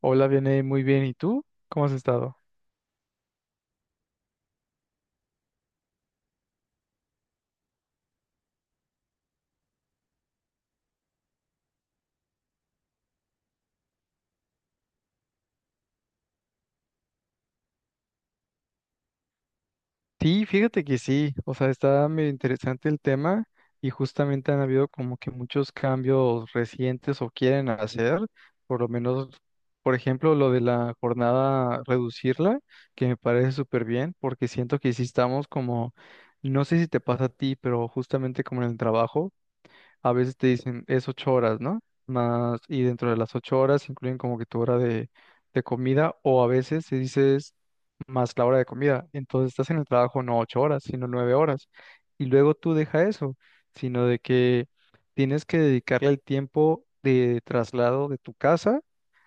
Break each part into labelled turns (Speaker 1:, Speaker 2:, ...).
Speaker 1: Hola, viene muy bien. ¿Y tú? ¿Cómo has estado? Sí, fíjate que sí. O sea, está medio interesante el tema y justamente han habido como que muchos cambios recientes o quieren hacer, por lo menos, por ejemplo, lo de la jornada, reducirla, que me parece súper bien, porque siento que sí estamos como, no sé si te pasa a ti, pero justamente como en el trabajo, a veces te dicen es 8 horas, ¿no? Más, y dentro de las 8 horas incluyen como que tu hora de comida, o a veces se dice más la hora de comida. Entonces estás en el trabajo no 8 horas, sino 9 horas. Y luego tú deja eso, sino de que tienes que dedicarle el tiempo de traslado de tu casa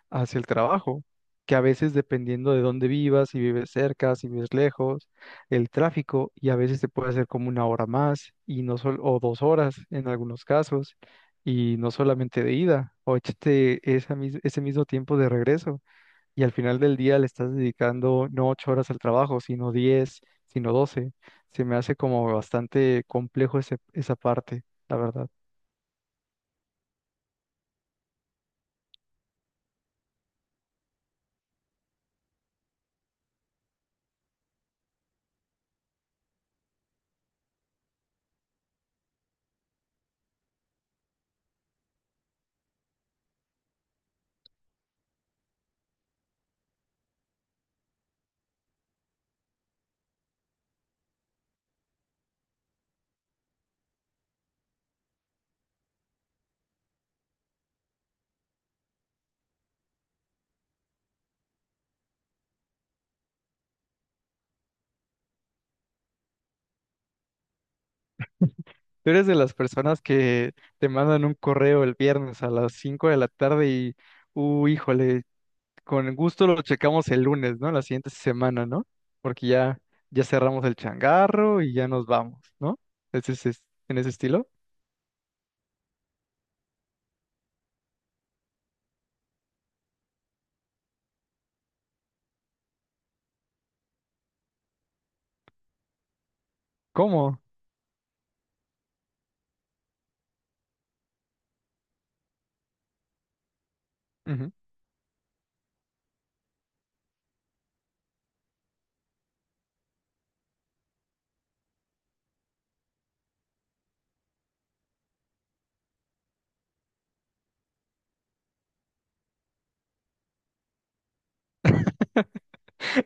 Speaker 1: hacia el trabajo, que a veces dependiendo de dónde vivas, si vives cerca, si vives lejos, el tráfico, y a veces te puede hacer como 1 hora más, y no o 2 horas en algunos casos, y no solamente de ida, o échate esa ese mismo tiempo de regreso y al final del día le estás dedicando no 8 horas al trabajo, sino 10, sino 12. Se me hace como bastante complejo ese, esa parte, la verdad. Tú eres de las personas que te mandan un correo el viernes a las 5 de la tarde y, híjole, con gusto lo checamos el lunes, ¿no? La siguiente semana, ¿no? Porque ya, ya cerramos el changarro y ya nos vamos, ¿no? Ese es, en ese estilo. ¿Cómo?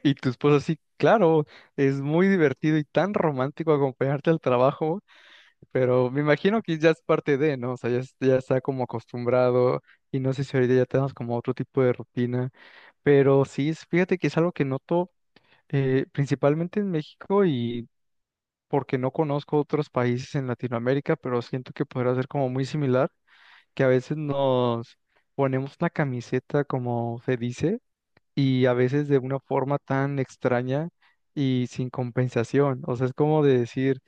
Speaker 1: Y tu esposa sí, claro, es muy divertido y tan romántico acompañarte al trabajo, pero me imagino que ya es parte de, ¿no? O sea, ya, ya está como acostumbrado y no sé si ahorita ya tenemos como otro tipo de rutina, pero sí, fíjate que es algo que noto principalmente en México y porque no conozco otros países en Latinoamérica, pero siento que podrá ser como muy similar, que a veces nos ponemos la camiseta, como se dice, y a veces de una forma tan extraña y sin compensación. O sea, es como de decir,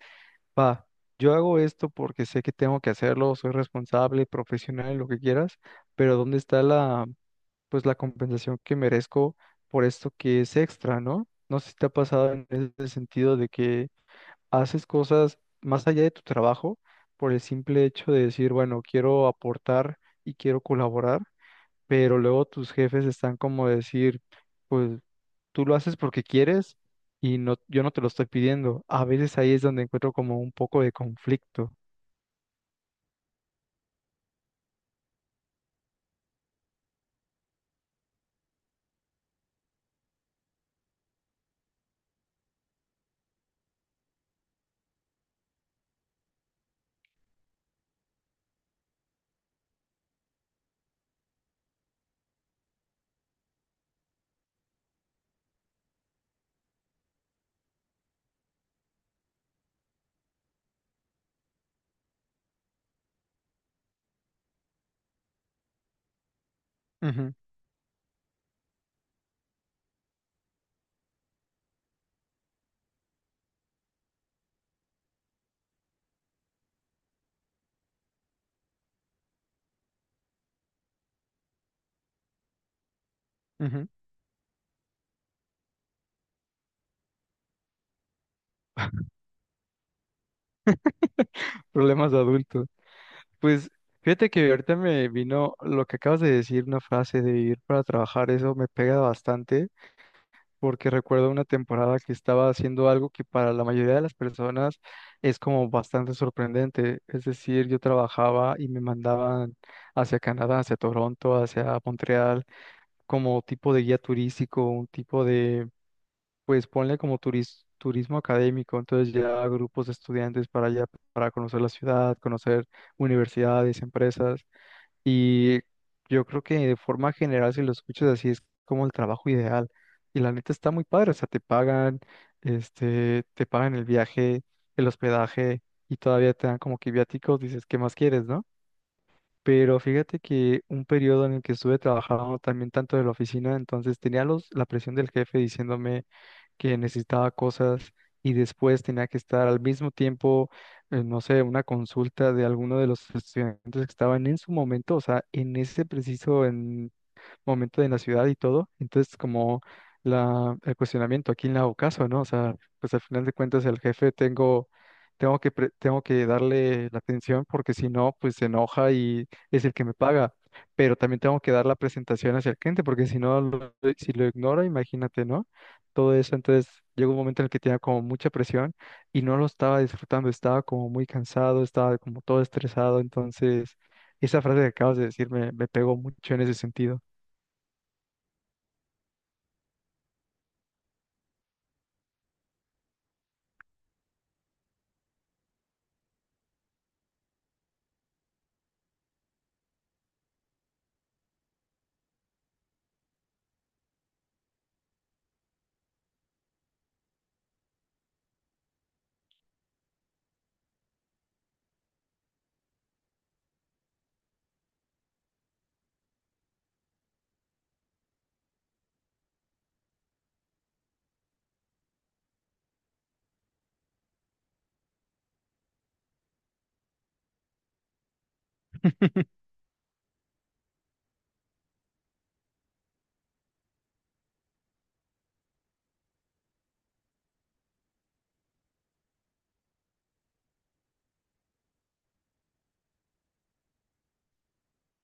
Speaker 1: va, yo hago esto porque sé que tengo que hacerlo, soy responsable, profesional, lo que quieras, pero ¿dónde está la, pues la compensación que merezco por esto que es extra, ¿no? No sé si te ha pasado en ese sentido de que haces cosas más allá de tu trabajo por el simple hecho de decir, bueno, quiero aportar y quiero colaborar, pero luego tus jefes están como decir, pues tú lo haces porque quieres y no, yo no te lo estoy pidiendo. A veces ahí es donde encuentro como un poco de conflicto. Ujú, ujú. Problemas de adultos. Pues fíjate que ahorita me vino lo que acabas de decir, una frase de vivir para trabajar, eso me pega bastante porque recuerdo una temporada que estaba haciendo algo que para la mayoría de las personas es como bastante sorprendente. Es decir, yo trabajaba y me mandaban hacia Canadá, hacia Toronto, hacia Montreal, como tipo de guía turístico, un tipo de, pues ponle como turismo académico. Entonces llevaba grupos de estudiantes para allá, para conocer la ciudad, conocer universidades, empresas. Y yo creo que de forma general, si lo escuchas así, es como el trabajo ideal. Y la neta está muy padre, o sea, te pagan, este, te pagan el viaje, el hospedaje y todavía te dan como que viáticos, dices, ¿qué más quieres, no? Pero fíjate que un periodo en el que estuve trabajando también tanto de la oficina, entonces tenía los, la presión del jefe diciéndome que necesitaba cosas y después tenía que estar al mismo tiempo, no sé, una consulta de alguno de los estudiantes que estaban en su momento, o sea, en ese preciso momento en la ciudad y todo. Entonces, como la, el cuestionamiento, ¿a quién le hago caso, no? O sea, pues al final de cuentas el jefe tengo que darle la atención porque si no, pues se enoja y es el que me paga. Pero también tengo que dar la presentación hacia el cliente porque si no, si lo ignoro, imagínate, ¿no? Todo eso, entonces llegó un momento en el que tenía como mucha presión y no lo estaba disfrutando, estaba como muy cansado, estaba como todo estresado, entonces esa frase que acabas de decir me pegó mucho en ese sentido.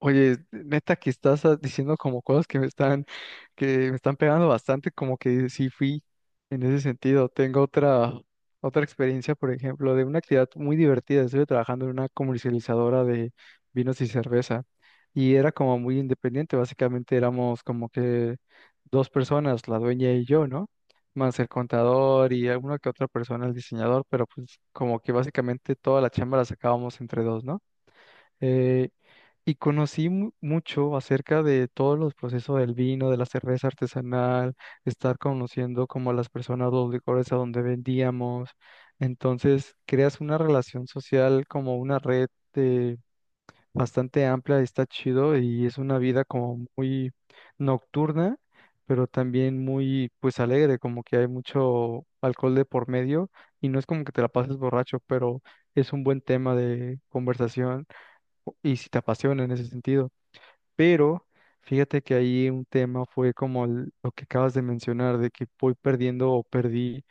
Speaker 1: Oye, neta que estás diciendo como cosas que me están, pegando bastante, como que sí fui en ese sentido. Tengo otra experiencia, por ejemplo, de una actividad muy divertida. Estuve trabajando en una comercializadora de vinos y cerveza y era como muy independiente. Básicamente éramos como que dos personas, la dueña y yo, ¿no? Más el contador y alguna que otra persona, el diseñador, pero pues como que básicamente toda la chamba la sacábamos entre dos, ¿no? eh, y conocí mucho acerca de todos los procesos del vino, de la cerveza artesanal, estar conociendo como las personas, los licores a donde vendíamos. Entonces, creas una relación social como una red eh, bastante amplia, y está chido y es una vida como muy nocturna, pero también muy pues alegre, como que hay mucho alcohol de por medio y no es como que te la pases borracho, pero es un buen tema de conversación y si te apasiona en ese sentido. Pero fíjate que ahí un tema fue como lo que acabas de mencionar, de que voy perdiendo o perdí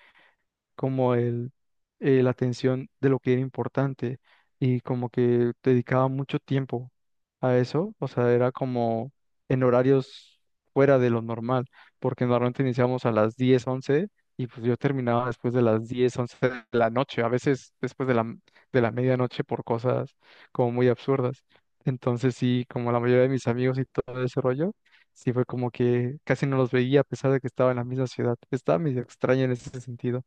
Speaker 1: como la atención de lo que era importante y como que dedicaba mucho tiempo a eso, o sea, era como en horarios fuera de lo normal, porque normalmente iniciamos a las 10 11 y pues yo terminaba después de las 10 11 de la noche, a veces después de la medianoche por cosas como muy absurdas. Entonces sí, como la mayoría de mis amigos y todo ese rollo, sí fue como que casi no los veía a pesar de que estaba en la misma ciudad. Estaba medio extraña en ese sentido.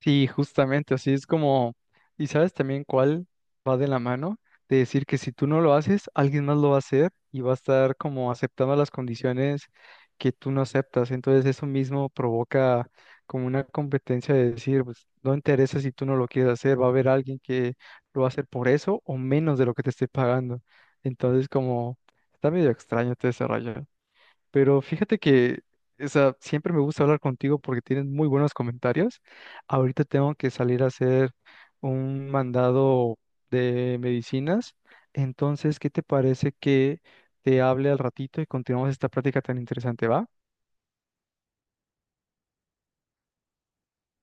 Speaker 1: Sí, justamente, así es como, y sabes también cuál va de la mano, de decir que si tú no lo haces, alguien más lo va a hacer y va a estar como aceptando las condiciones que tú no aceptas. Entonces eso mismo provoca como una competencia de decir, pues no interesa si tú no lo quieres hacer, va a haber alguien que lo va a hacer por eso o menos de lo que te esté pagando. Entonces como está medio extraño todo ese rollo. Pero fíjate que, o sea, siempre me gusta hablar contigo porque tienes muy buenos comentarios. Ahorita tengo que salir a hacer un mandado de medicinas. Entonces, ¿qué te parece que te hable al ratito y continuamos esta práctica tan interesante, va?